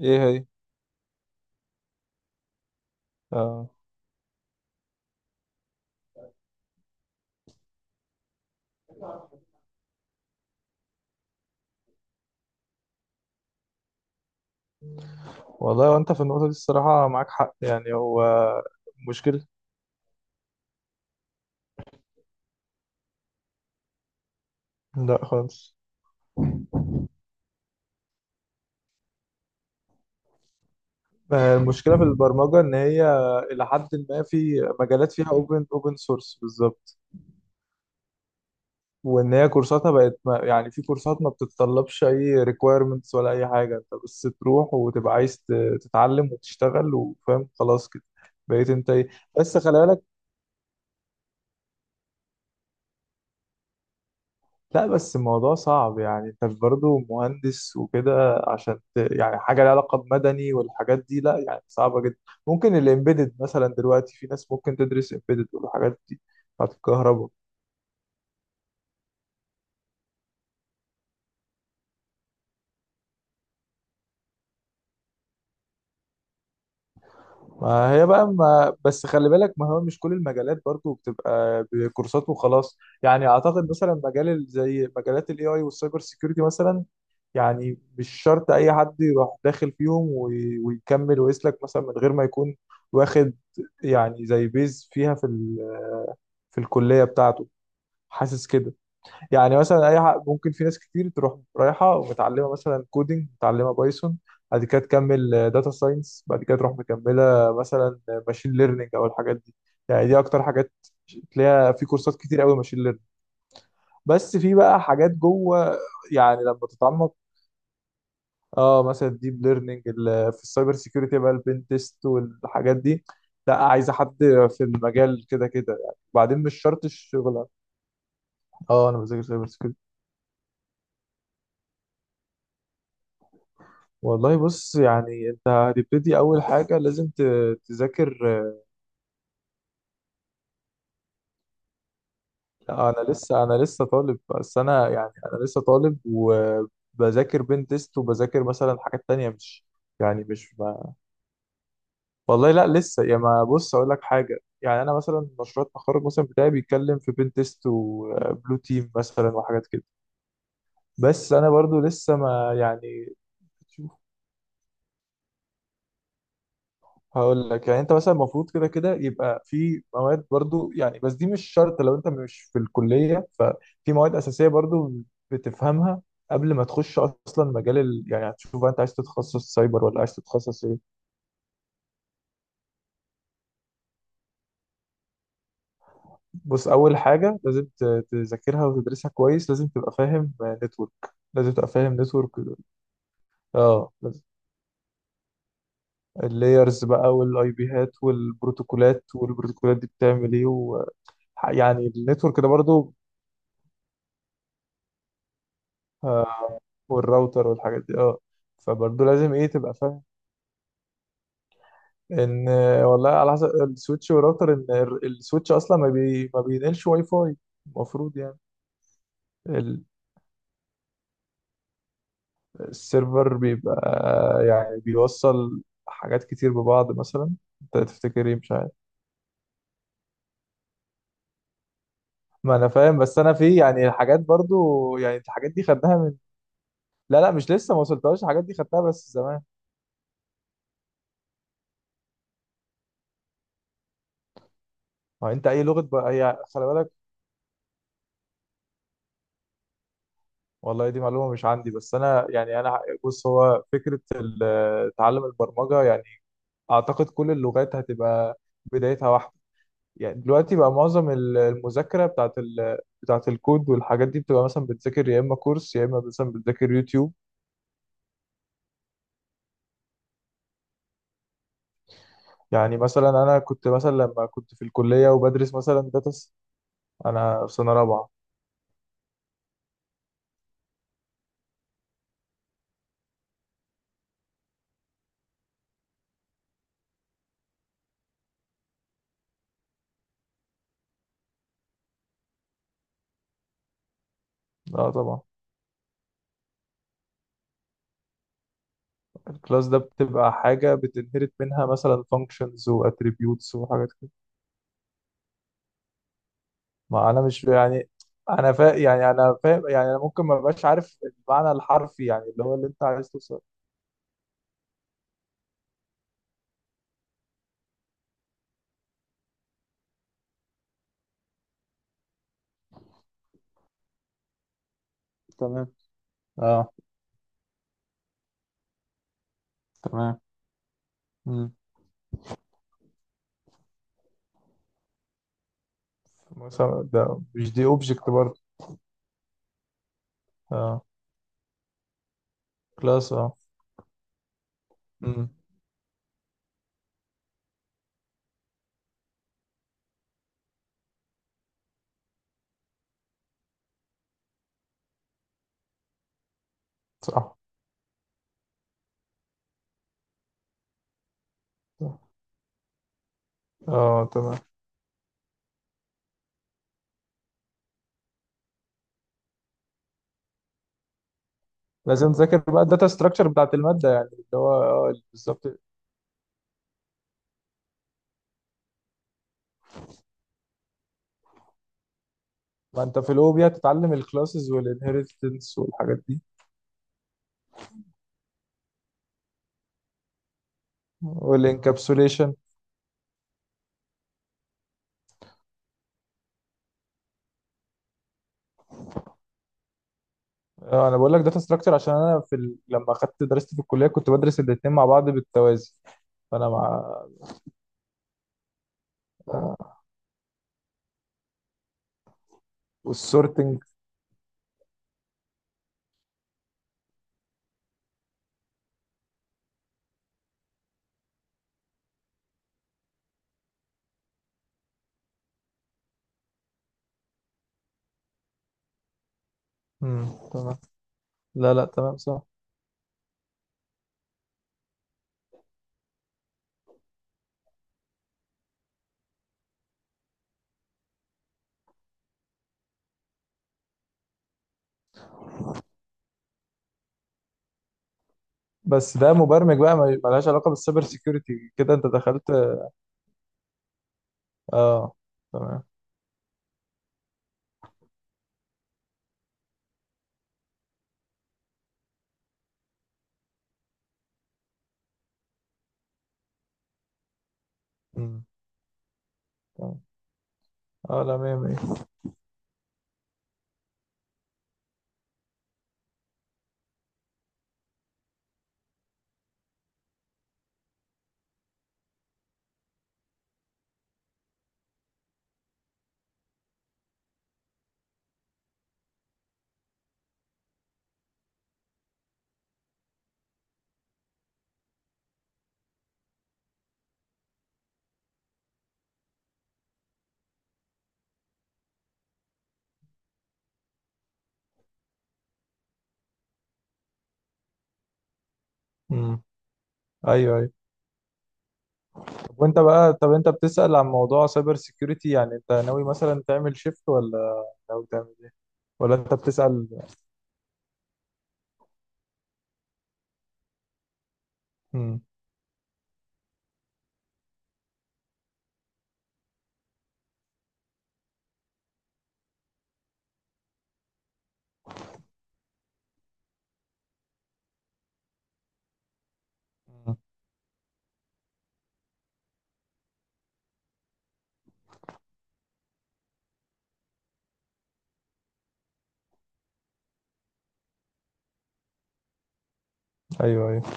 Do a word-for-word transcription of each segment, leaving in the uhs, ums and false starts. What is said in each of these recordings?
ايه هي؟ آه. والله، وانت في النقطة دي الصراحة معاك حق، يعني هو مشكلة. لا خالص. آه، المشكلة في البرمجة إن هي إلى حد ما في مجالات فيها أوبن أوبن سورس بالظبط، وإن هي كورساتها بقت، ما يعني، في كورسات ما بتتطلبش أي ريكويرمنتس ولا أي حاجة. أنت بس تروح وتبقى عايز ت- تتعلم وتشتغل وفاهم خلاص كده. بقيت أنت إيه؟ بس خلي بالك. لا، بس الموضوع صعب، يعني انت برضه مهندس وكده عشان ت... يعني حاجه لها علاقه بمدني والحاجات دي، لا يعني صعبه جدا. ممكن الامبيدد مثلا، دلوقتي في ناس ممكن تدرس امبيدد والحاجات دي بتاعت الكهرباء. ما هي بقى ما بس خلي بالك، ما هو مش كل المجالات برضو بتبقى بكورسات وخلاص. يعني اعتقد مثلا مجال ال- زي مجالات الاي اي والسايبر سيكيورتي مثلا، يعني مش شرط اي حد يروح داخل فيهم وي- ويكمل ويسلك مثلا من غير ما يكون واخد، يعني زي بيز فيها في ال- في الكلية بتاعته. حاسس كده. يعني مثلا اي حق ممكن، في ناس كتير تروح رايحه ومتعلمه مثلا كودينج، متعلمه بايثون، بعد كده تكمل داتا ساينس، بعد كده تروح مكمله مثلا ماشين ليرنينج او الحاجات دي. يعني دي اكتر حاجات تلاقيها في كورسات كتير قوي، ماشين ليرنينج. بس في بقى حاجات جوه، يعني لما تتعمق. اه مثلا الديب ليرنينج. في السايبر سيكيورتي بقى، البين تيست والحاجات دي، لا عايزه حد في المجال كده كده، يعني بعدين مش شرط الشغل. اه، انا بذاكر سايبر سيكيورتي. والله بص، يعني انت هتبتدي، اول حاجه لازم ت- تذاكر. انا لسه انا لسه طالب، بس انا يعني انا لسه طالب، وبذاكر بين تيست، وبذاكر مثلا حاجات تانية، مش يعني مش ما والله لا، لسه يا ما. بص اقول لك حاجه، يعني انا مثلا مشروع التخرج مثلا بتاعي بيتكلم في بين تيست وبلو تيم مثلا وحاجات كده. بس انا برضو لسه ما يعني. هقول لك، يعني انت مثلا المفروض كده كده يبقى في مواد برضو، يعني بس دي مش شرط لو انت مش في الكلية، ففي مواد أساسية برضو بتفهمها قبل ما تخش اصلا مجال ال... يعني هتشوف بقى، انت عايز تتخصص سايبر ولا عايز تتخصص ايه؟ بص اول حاجة لازم ت- تذاكرها وتدرسها كويس. لازم تبقى فاهم نتورك. لازم تبقى فاهم نتورك، اه لازم. اللايرز بقى والاي بي هات والبروتوكولات، والبروتوكولات دي بتعمل ايه و... يعني النتورك ده برضو. آه، والراوتر والحاجات دي، اه، فبرضه لازم ايه تبقى فاهم. ان آه، والله على حسب، السويتش والراوتر، ان ال- السويتش اصلا ما بي ما بينقلش واي فاي المفروض، يعني. ال- السيرفر بيبقى يعني بيوصل حاجات كتير ببعض مثلا. انت تفتكر ايه؟ مش عارف. ما انا فاهم، بس انا في، يعني الحاجات برضو، يعني الحاجات دي خدناها من... لا لا، مش لسه، ما وصلتهاش. الحاجات دي خدتها بس زمان. ما انت اي لغه بقى، هي خلي بالك. والله دي معلومة مش عندي، بس أنا يعني، أنا بص، هو فكرة ال- آه، تعلم البرمجة، يعني أعتقد كل اللغات هتبقى بدايتها واحدة. يعني دلوقتي بقى معظم ال- المذاكرة بتاعت ال بتاعت الكود والحاجات دي بتبقى مثلا بتذاكر يا إما كورس، يا إما مثلا بتذاكر يوتيوب. يعني مثلا أنا كنت مثلا لما كنت في الكلية وبدرس مثلا داتا س- أنا في سنة رابعة. اه طبعا. الكلاس ده بتبقى حاجة بتنهرت منها مثلا functions و attributes وحاجات. ما انا مش يعني، انا فا... يعني انا فاهم، يعني انا ممكن ما بقاش عارف المعنى الحرفي، يعني اللي هو اللي انت عايز توصل. تمام، اه تمام. مم. مثلا ده مش، دي اوبجكت برضه. اه. كلاس، اه. امم. صح صح. اه تمام. لازم تذاكر بقى الداتا ستراكشر بتاعت الماده، يعني اللي هو اه بالظبط. ما انت في الاو بي هتتعلم الكلاسز والانهيرتنس والحاجات دي. والانكابسوليشن. آه، انا بقول لك داتا ستراكشر عشان انا في ال... لما اخدت درست في الكليه كنت بدرس الاثنين مع بعض بالتوازي. فانا مع. آه، والسورتنج. امم تمام. لا لا تمام صح. بس ده مبرمج بقى، ما- ملهاش علاقه بالسايبر سيكيورتي كده انت دخلت. اه تمام. امم تمام. اه لا، مية مية. امم. ايوه ايوه. طب وانت بقى، طب انت بتسأل عن موضوع سايبر سيكيورتي، يعني انت ناوي مثلا تعمل شيفت ولا ناوي تعمل ايه؟ ولا انت بتسأل؟ امم. ايوه ايوه.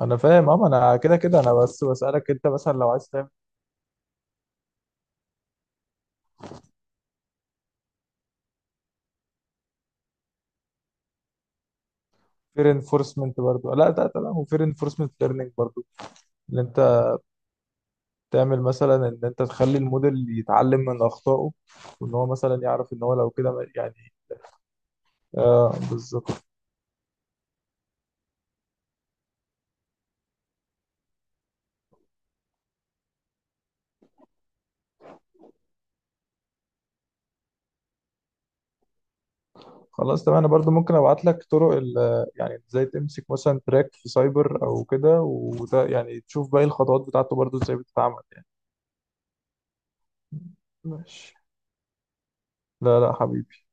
انا فاهم اه، ما انا كده كده، انا بس بسالك انت مثلا لو عايز تعمل peer enforcement برضو، لا لا لا، و peer enforcement learning برضو، ان انت تعمل مثلا، ان انت تخلي الموديل يتعلم من اخطائه، وان هو مثلا يعرف ان هو لو كده ما- يعني. اه بالظبط. خلاص تمام. انا برضو ممكن ابعت لك طرق ال- يعني ازاي تمسك مثلا تراك في سايبر او كده، وده يعني تشوف باقي الخطوات بتاعته برضو ازاي بتتعمل، يعني. ماشي. لا لا حبيبي.